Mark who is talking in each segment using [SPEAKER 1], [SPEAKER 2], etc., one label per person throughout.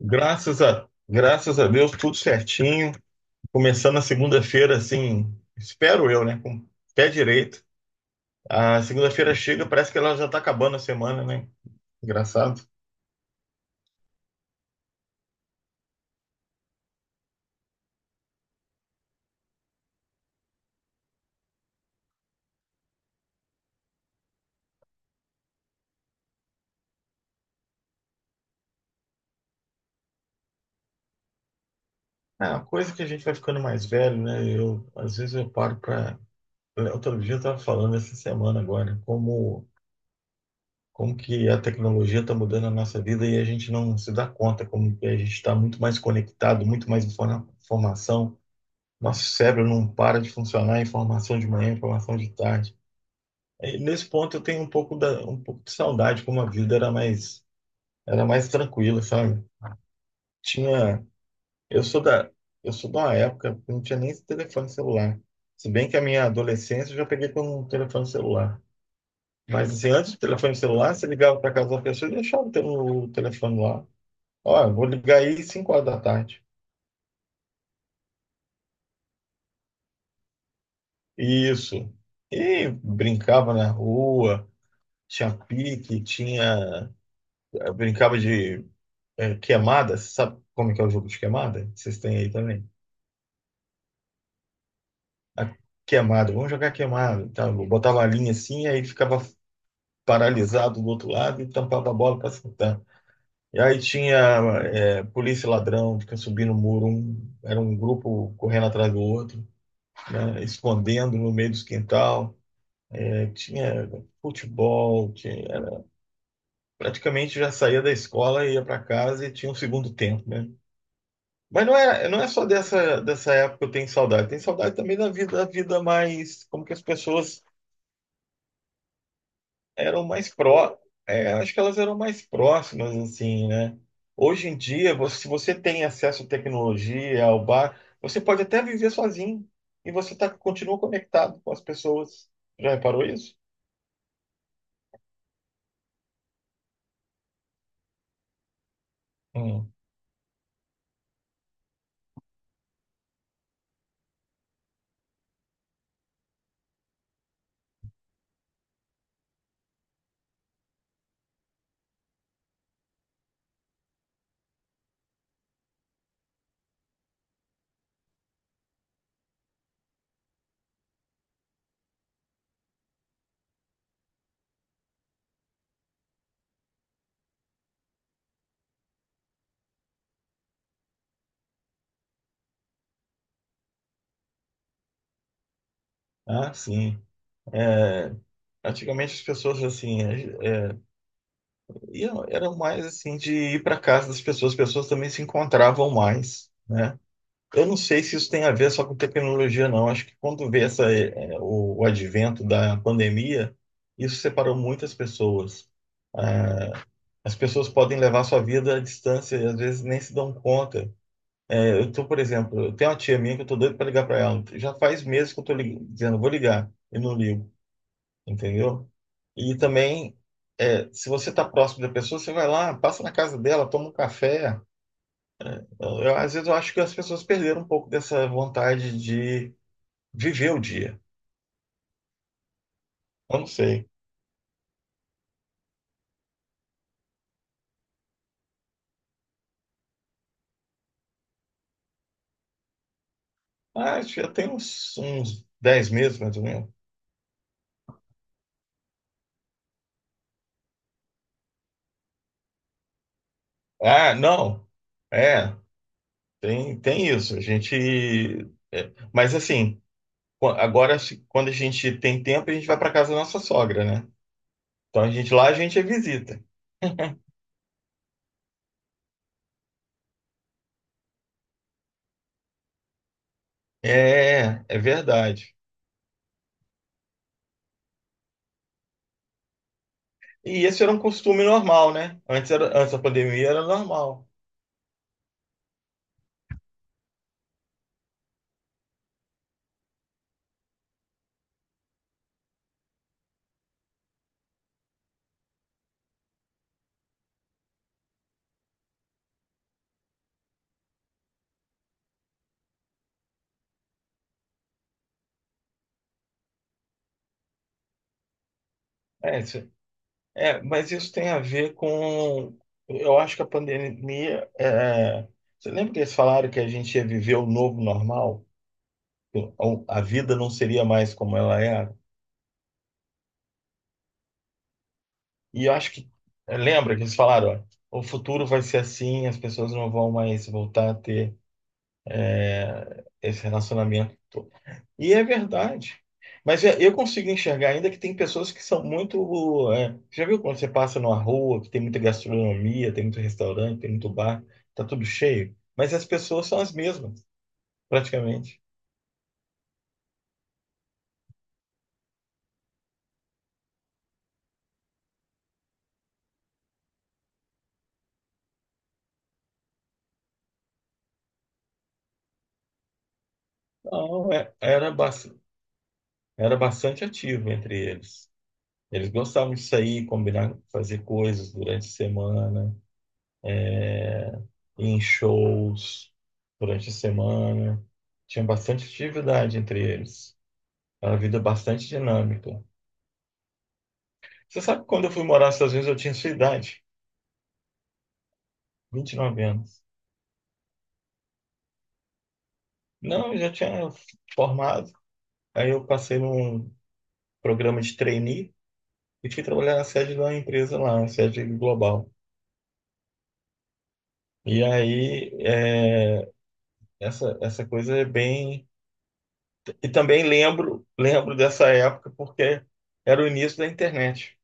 [SPEAKER 1] Graças a Deus, tudo certinho. Começando a segunda-feira, assim, espero eu, né? Com o pé direito. A segunda-feira chega, parece que ela já tá acabando a semana, né? Engraçado. É uma coisa que a gente vai ficando mais velho, né? Às vezes eu paro pra. Outro dia eu tava falando essa semana agora, como que a tecnologia tá mudando a nossa vida e a gente não se dá conta, como que a gente tá muito mais conectado, muito mais informação. Nosso cérebro não para de funcionar, informação de manhã, informação de tarde. E nesse ponto eu tenho um pouco de saudade, como a vida era mais, tranquila, sabe? Tinha, eu sou da, eu sou de uma época que não tinha nem esse telefone celular. Se bem que a minha adolescência eu já peguei com um telefone celular. Mas assim, antes do telefone celular, você ligava para casa da pessoa e deixava o telefone lá. Ó, eu vou ligar aí 5h da tarde. Isso. E brincava na rua, tinha pique, tinha. Eu brincava de queimada. Você sabe como é que é o jogo de queimada? Vocês têm aí também. A queimada, vamos jogar queimada e tal. Eu botava a linha assim, e aí ficava paralisado do outro lado e tampava a bola para acertar. E aí tinha polícia e ladrão, fica subindo o muro, era um grupo correndo atrás do outro, né, escondendo no meio dos quintal. É, tinha futebol, praticamente já saía da escola, ia para casa e tinha um segundo tempo, né? Mas não é só dessa época que eu tenho saudade. Tem saudade também da vida mais, como que as pessoas eram mais pró, é, acho que elas eram mais próximas, assim, né? Hoje em dia, se você tem acesso à tecnologia, ao bar, você pode até viver sozinho e você tá, continua conectado com as pessoas. Já reparou isso? Hum. Ah, sim. É, antigamente as pessoas assim eram mais assim de ir para casa das pessoas, as pessoas também se encontravam mais, né? Eu não sei se isso tem a ver só com tecnologia, não. Acho que quando veio essa, é, é, o advento da pandemia, isso separou muitas pessoas. As pessoas podem levar sua vida à distância e às vezes nem se dão conta. É, por exemplo, eu tenho uma tia minha que eu tô doido para ligar para ela. Já faz meses que eu tô dizendo, vou ligar, e não ligo, entendeu? E também, se você tá próximo da pessoa, você vai lá, passa na casa dela, toma um café. Às vezes eu acho que as pessoas perderam um pouco dessa vontade de viver o dia. Eu não sei. Ah, acho que já tem uns 10 meses, mais ou menos. Ah, não. É, tem isso. A gente. Mas assim, agora, quando a gente tem tempo, a gente vai para casa da nossa sogra, né? Então a gente lá a gente é visita. É, é verdade. E esse era um costume normal, né? Antes, era, antes da pandemia era normal. É. Mas isso tem a ver com. Eu acho que a pandemia. Você lembra que eles falaram que a gente ia viver o novo normal? A vida não seria mais como ela era. E eu acho que, lembra que eles falaram, ó, o futuro vai ser assim, as pessoas não vão mais voltar a ter esse relacionamento todo. E é verdade. Mas eu consigo enxergar ainda que tem pessoas que são muito. Já viu quando você passa numa rua, que tem muita gastronomia, tem muito restaurante, tem muito bar, tá tudo cheio? Mas as pessoas são as mesmas, praticamente. Não, era bastante ativo entre eles. Eles gostavam de sair, combinar, fazer coisas durante a semana, ir em shows durante a semana. Tinha bastante atividade entre eles. Era uma vida é bastante dinâmica. Você sabe que quando eu fui morar nos Estados Unidos, eu tinha sua idade, 29 anos. Não, eu já tinha formado. Aí eu passei num programa de trainee e fui trabalhar na sede de uma empresa lá, na sede global. E aí, essa, essa coisa é bem. E também lembro dessa época porque era o início da internet.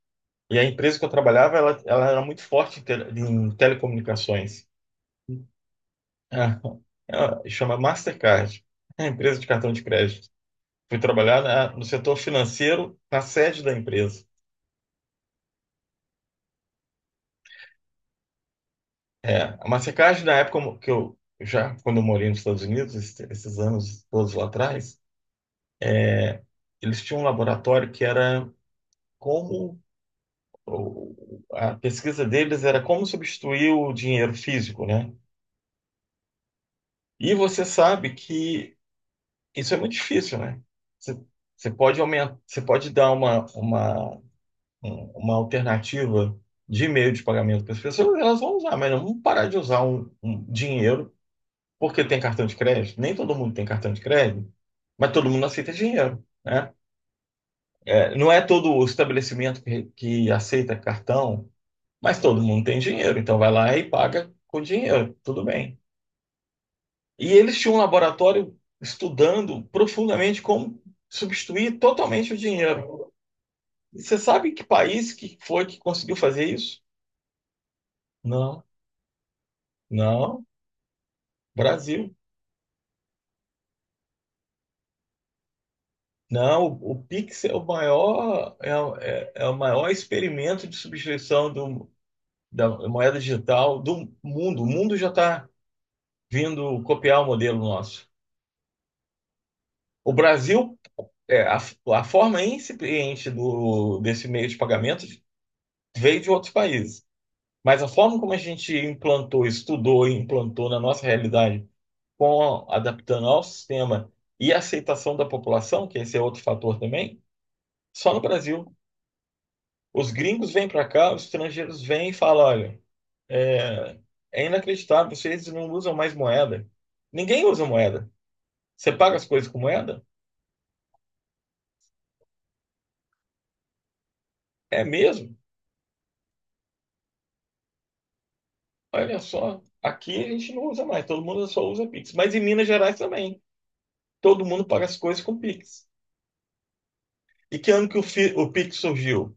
[SPEAKER 1] E a empresa que eu trabalhava, ela era muito forte em telecomunicações. Ah, ela chama Mastercard, é a empresa de cartão de crédito. Fui trabalhar no setor financeiro, na sede da empresa. É, a Mastercard, na época mo- que eu já, quando eu morei nos Estados Unidos, esses anos todos lá atrás, eles tinham um laboratório que era como o- a pesquisa deles era como substituir o dinheiro físico, né? E você sabe que isso é muito difícil, né? Você, você pode aumentar, você pode dar uma alternativa de meio de pagamento para as pessoas, elas vão usar, mas não vão parar de usar um dinheiro porque tem cartão de crédito. Nem todo mundo tem cartão de crédito, mas todo mundo aceita dinheiro, né? É, não é todo o estabelecimento que aceita cartão. Mas todo mundo tem dinheiro, então vai lá e paga com dinheiro, tudo bem. E eles tinham um laboratório estudando profundamente como substituir totalmente o dinheiro. E você sabe que país que foi que conseguiu fazer isso? Não, não, Brasil. Não, o Pix é o maior, é o maior experimento de substituição da moeda digital do mundo. O mundo já está vindo copiar o modelo nosso. O Brasil. É, a forma incipiente desse meio de pagamento veio de outros países, mas a forma como a gente implantou, estudou e implantou na nossa realidade, com, adaptando ao sistema e a aceitação da população, que esse é outro fator também, só no Brasil. Os gringos vêm para cá, os estrangeiros vêm e falam: olha, é, é inacreditável, vocês não usam mais moeda. Ninguém usa moeda. Você paga as coisas com moeda? É mesmo? Olha só, aqui a gente não usa mais, todo mundo só usa Pix. Mas em Minas Gerais também, todo mundo paga as coisas com Pix. E que ano que o Pix surgiu?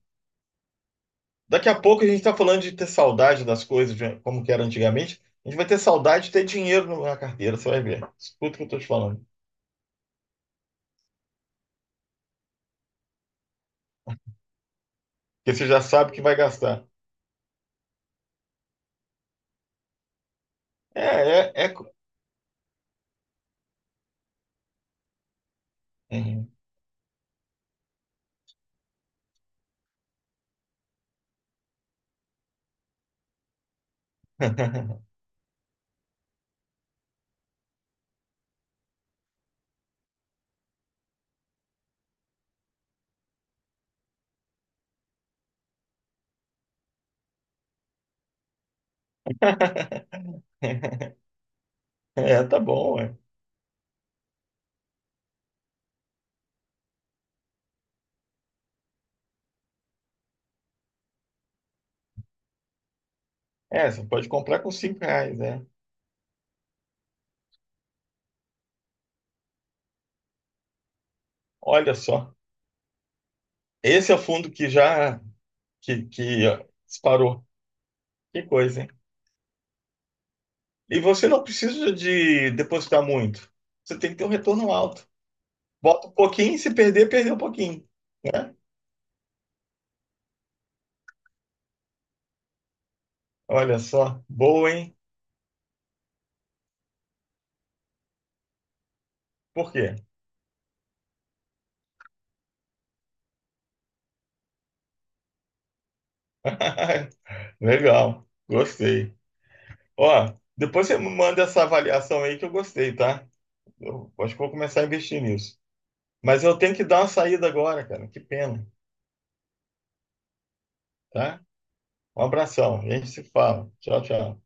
[SPEAKER 1] Daqui a pouco a gente está falando de ter saudade das coisas, de como que era antigamente. A gente vai ter saudade de ter dinheiro na carteira, você vai ver. Escuta o que eu estou te falando. Porque você já sabe que vai gastar. É, é, é. co- Uhum. É, tá bom, ué. É, você pode comprar com R$ 5, né? Olha só. Esse é o fundo que disparou. Que coisa, hein? E você não precisa de depositar muito. Você tem que ter um retorno alto. Bota um pouquinho, se perder, perdeu um pouquinho, né? Olha só, boa, hein? Por quê? Legal, gostei. Ó, depois você me manda essa avaliação aí que eu gostei, tá? Eu acho que vou começar a investir nisso. Mas eu tenho que dar uma saída agora, cara. Que pena, tá? Um abração, a gente se fala. Tchau, tchau.